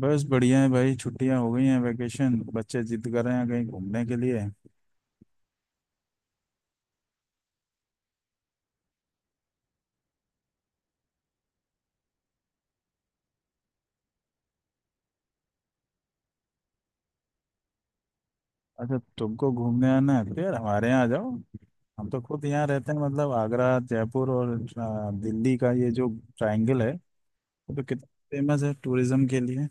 बस बढ़िया है भाई। छुट्टियां हो गई हैं, वेकेशन। बच्चे जिद कर रहे हैं कहीं घूमने के लिए। अच्छा, तुमको घूमने आना है तो यार हमारे यहाँ आ जाओ। हम तो खुद यहाँ रहते हैं, मतलब आगरा, जयपुर और दिल्ली का ये जो ट्रायंगल है, ये तो कितना फेमस है टूरिज्म के लिए।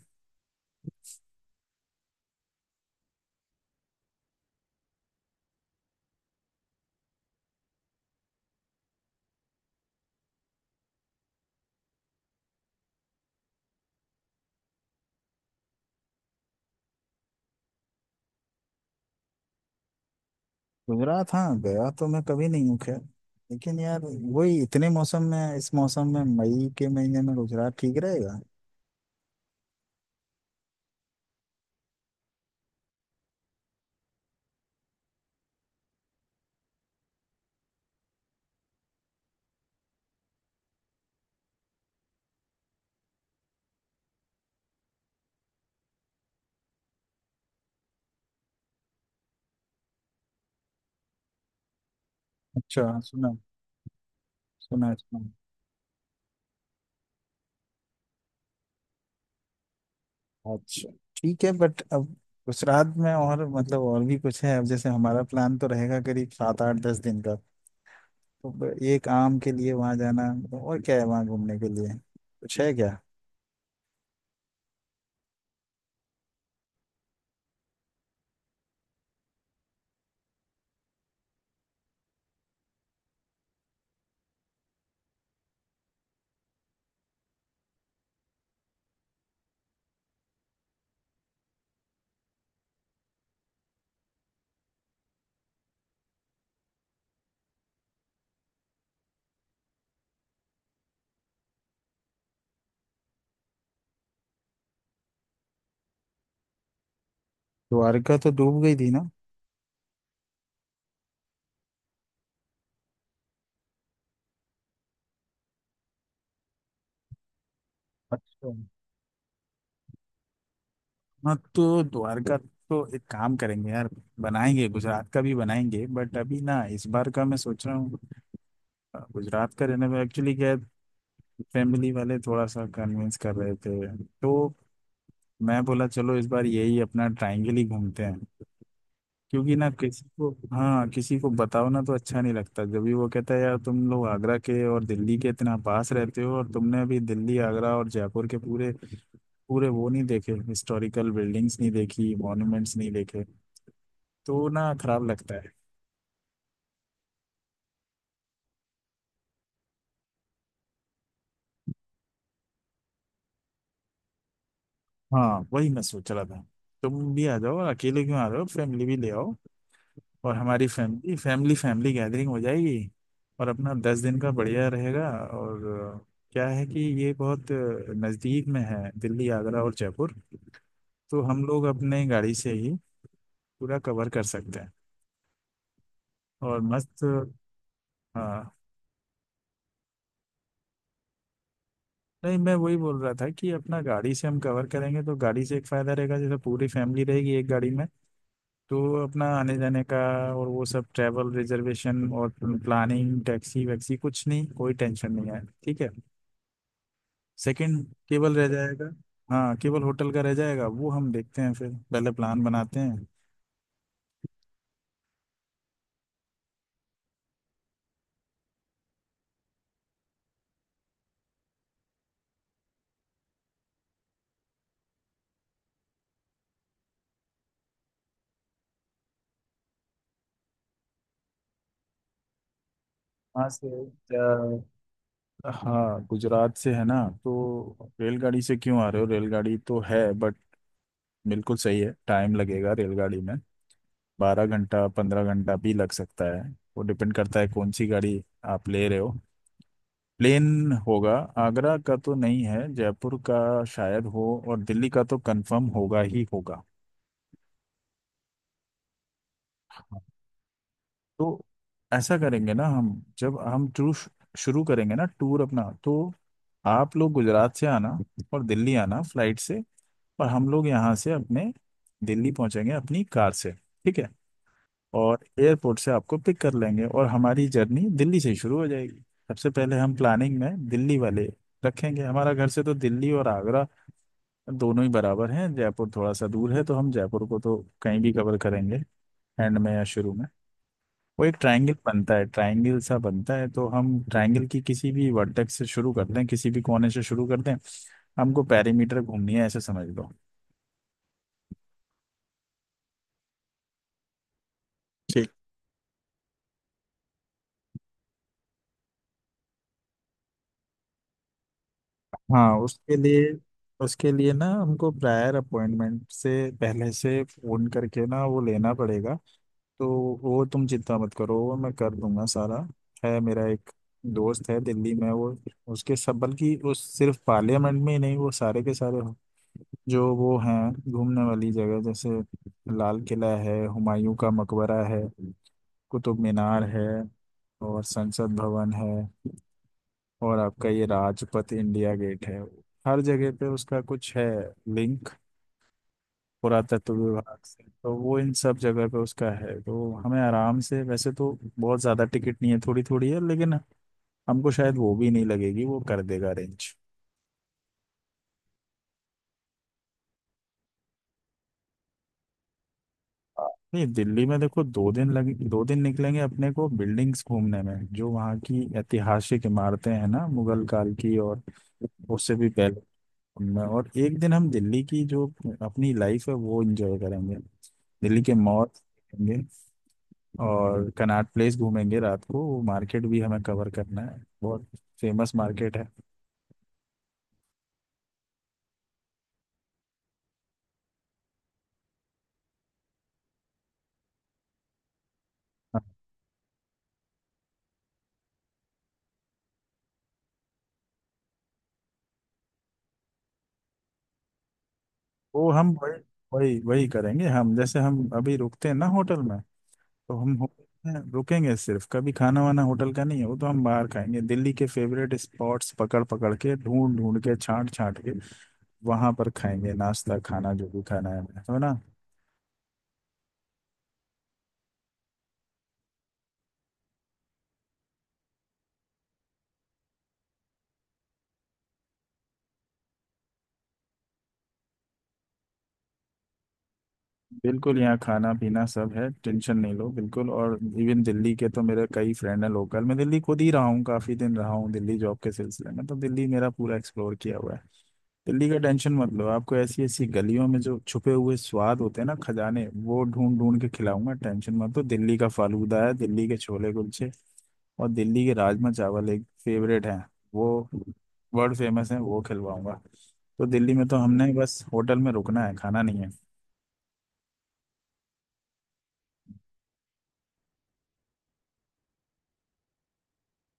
गुजरात हाँ, गया तो मैं कभी नहीं हूँ, खैर। लेकिन यार वही इतने मौसम में, इस मौसम में, मई के महीने में गुजरात ठीक रहेगा? अच्छा। सुना। सुना है, सुना। अच्छा, ठीक है बट अब उस रात में और मतलब और भी कुछ है? अब जैसे हमारा प्लान तो रहेगा करीब सात आठ दस दिन का, तो एक आम के लिए वहां जाना? और क्या है वहां घूमने के लिए, कुछ है क्या? द्वारका तो डूब गई थी ना। अच्छा। हाँ तो द्वारका, तो एक काम करेंगे यार, बनाएंगे गुजरात का भी बनाएंगे बट अभी ना इस बार का मैं सोच रहा हूँ। गुजरात का रहने में एक्चुअली क्या है, फैमिली वाले थोड़ा सा कन्विंस कर रहे थे तो मैं बोला चलो इस बार यही अपना ट्रायंगल ही घूमते हैं। क्योंकि ना, किसी को हाँ किसी को बताओ ना तो अच्छा नहीं लगता। जब भी वो कहता है यार तुम लोग आगरा के और दिल्ली के इतना पास रहते हो, और तुमने अभी दिल्ली आगरा और जयपुर के पूरे पूरे वो नहीं देखे, हिस्टोरिकल बिल्डिंग्स नहीं देखी, मॉन्यूमेंट्स नहीं देखे, तो ना खराब लगता है। हाँ, वही मैं सोच रहा था। तुम भी आ जाओ, और अकेले क्यों आ रहे हो? फैमिली भी ले आओ, और हमारी फैमिली फैमिली फैमिली गैदरिंग हो जाएगी। और अपना 10 दिन का बढ़िया रहेगा। और अ, क्या है कि ये बहुत नज़दीक में है दिल्ली आगरा और जयपुर, तो हम लोग अपने गाड़ी से ही पूरा कवर कर सकते हैं। और मस्त। हाँ। नहीं, मैं वही बोल रहा था कि अपना गाड़ी से हम कवर करेंगे, तो गाड़ी से एक फ़ायदा रहेगा, जैसे पूरी फैमिली रहेगी एक गाड़ी में, तो अपना आने जाने का और वो सब ट्रैवल रिजर्वेशन और प्लानिंग, टैक्सी वैक्सी कुछ नहीं, कोई टेंशन नहीं है। ठीक है, सेकंड केवल रह जाएगा। हाँ, केवल होटल का रह जाएगा, वो हम देखते हैं, फिर पहले प्लान बनाते हैं। वहाँ से हाँ, गुजरात से है ना। तो रेलगाड़ी से क्यों आ रहे हो? रेलगाड़ी तो है बट बिल्कुल सही है, टाइम लगेगा रेलगाड़ी में। 12 घंटा 15 घंटा भी लग सकता है। वो डिपेंड करता है कौन सी गाड़ी आप ले रहे हो। प्लेन होगा, आगरा का तो नहीं है, जयपुर का शायद हो, और दिल्ली का तो कंफर्म होगा ही होगा। तो ऐसा करेंगे ना हम, जब हम टूर शुरू करेंगे ना, टूर अपना, तो आप लोग गुजरात से आना और दिल्ली आना फ्लाइट से, और हम लोग यहाँ से अपने दिल्ली पहुंचेंगे अपनी कार से। ठीक है, और एयरपोर्ट से आपको पिक कर लेंगे और हमारी जर्नी दिल्ली से ही शुरू हो जाएगी। सबसे पहले हम प्लानिंग में दिल्ली वाले रखेंगे, हमारा घर से तो दिल्ली और आगरा दोनों ही बराबर हैं। जयपुर थोड़ा सा दूर है, तो हम जयपुर को तो कहीं भी कवर करेंगे, एंड में या शुरू में। वो एक ट्रायंगल बनता है, ट्रायंगल सा बनता है, तो हम ट्रायंगल की किसी भी वर्टेक्स से शुरू करते हैं, किसी भी कोने से शुरू करते हैं। हमको पैरीमीटर घूमनी है, ऐसे समझ लो। हाँ, उसके लिए, उसके लिए ना हमको प्रायर अपॉइंटमेंट से, पहले से फोन करके ना वो लेना पड़ेगा। तो वो तुम चिंता मत करो, वो मैं कर दूंगा सारा। है मेरा एक दोस्त है दिल्ली में, वो उसके सब, बल्कि उस सिर्फ पार्लियामेंट में ही नहीं, वो सारे के सारे जो वो हैं घूमने वाली जगह, जैसे लाल किला है, हुमायूं का मकबरा है, कुतुब मीनार है, और संसद भवन है, और आपका ये राजपथ इंडिया गेट है, हर जगह पे उसका कुछ है लिंक पुरातत्व विभाग से तो वो इन सब जगह पे उसका है तो हमें आराम से वैसे तो बहुत ज़्यादा टिकट नहीं है, थोड़ी थोड़ी है, लेकिन हमको शायद वो भी नहीं लगेगी, वो कर देगा अरेंज। नहीं, दिल्ली में देखो 2 दिन लगे, 2 दिन निकलेंगे अपने को बिल्डिंग्स घूमने में जो वहाँ की ऐतिहासिक इमारतें हैं ना, मुगल काल की और उससे भी पहले। उनमें और एक दिन हम दिल्ली की जो अपनी लाइफ है वो एंजॉय करेंगे। दिल्ली के मॉल घूमेंगे और कनॉट प्लेस घूमेंगे रात को। वो मार्केट भी हमें कवर करना है, बहुत फेमस मार्केट है। हाँ, वो हम वही वही वही करेंगे हम। जैसे हम अभी रुकते हैं ना होटल में, तो हम होटल में रुकेंगे सिर्फ, कभी खाना वाना होटल का नहीं है, वो तो हम बाहर खाएंगे, दिल्ली के फेवरेट स्पॉट्स पकड़ पकड़ के, ढूंढ ढूंढ के, छांट छांट के वहां पर खाएंगे, नाश्ता खाना जो भी खाना है ना। बिल्कुल, यहाँ खाना पीना सब है, टेंशन नहीं लो बिल्कुल। और इवन दिल्ली के तो मेरे कई फ्रेंड हैं लोकल, मैं दिल्ली खुद ही रहा हूँ काफी दिन, रहा हूँ दिल्ली जॉब के सिलसिले में, तो दिल्ली मेरा पूरा एक्सप्लोर किया हुआ है। दिल्ली का टेंशन मत लो, आपको ऐसी ऐसी गलियों में जो छुपे हुए स्वाद होते हैं ना खजाने, वो ढूंढ ढूंढ के खिलाऊंगा, टेंशन मत लो। दिल्ली का फालूदा है, दिल्ली के छोले कुलचे, और दिल्ली के राजमा चावल एक फेवरेट है, वो वर्ल्ड फेमस है, वो खिलवाऊंगा। तो दिल्ली में तो हमने बस होटल में रुकना है, खाना नहीं है।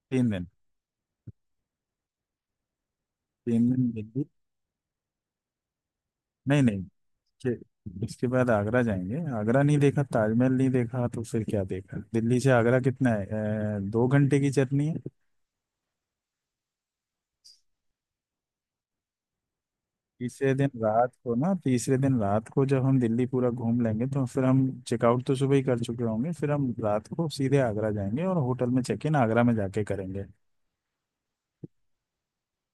3 दिन। 3 दिन दिल्ली। नहीं नहीं, कि- इसके बाद आगरा जाएंगे। आगरा नहीं देखा, ताजमहल नहीं देखा, तो फिर क्या देखा? दिल्ली से आगरा कितना है? 2 घंटे की जर्नी है। तीसरे दिन रात को ना, तीसरे दिन रात को जब हम दिल्ली पूरा घूम लेंगे तो फिर हम चेकआउट तो सुबह ही कर चुके होंगे, फिर हम रात को सीधे आगरा जाएंगे और होटल में चेक इन आगरा में जाके करेंगे,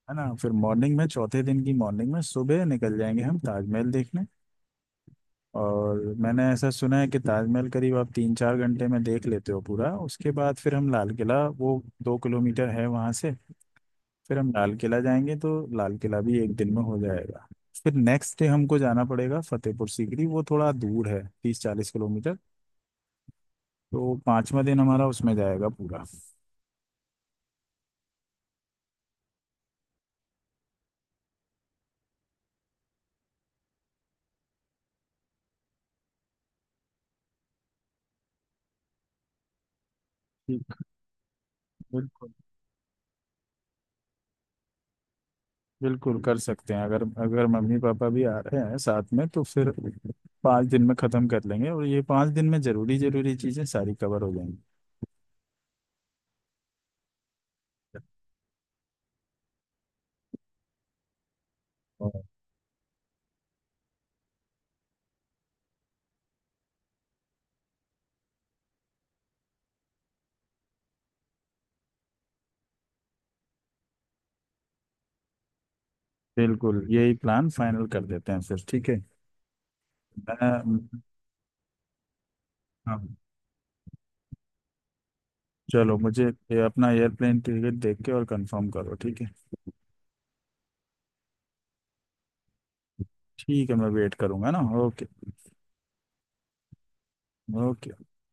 है ना। फिर मॉर्निंग में, चौथे दिन की मॉर्निंग में सुबह निकल जाएंगे हम ताजमहल देखने। और मैंने ऐसा सुना है कि ताजमहल करीब आप 3-4 घंटे में देख लेते हो पूरा, उसके बाद फिर हम लाल किला, वो 2 किलोमीटर है वहाँ से, फिर हम लाल किला जाएंगे। तो लाल किला भी एक दिन में हो जाएगा। फिर नेक्स्ट डे हमको जाना पड़ेगा फतेहपुर सीकरी, वो थोड़ा दूर है, 30-40 किलोमीटर। तो पांचवा दिन हमारा उसमें जाएगा पूरा। ठीक। बिल्कुल। बिल्कुल कर सकते हैं, अगर अगर मम्मी पापा भी आ रहे हैं साथ में, तो फिर 5 दिन में ख़त्म कर लेंगे, और ये 5 दिन में ज़रूरी ज़रूरी चीज़ें सारी कवर हो जाएंगी। बिल्कुल, यही प्लान फाइनल कर देते हैं फिर। ठीक है मैं। हाँ, चलो, मुझे ये अपना एयरप्लेन टिकट देख के और कंफर्म करो। ठीक है। ठीक है, मैं वेट करूँगा ना। ओके। ओके।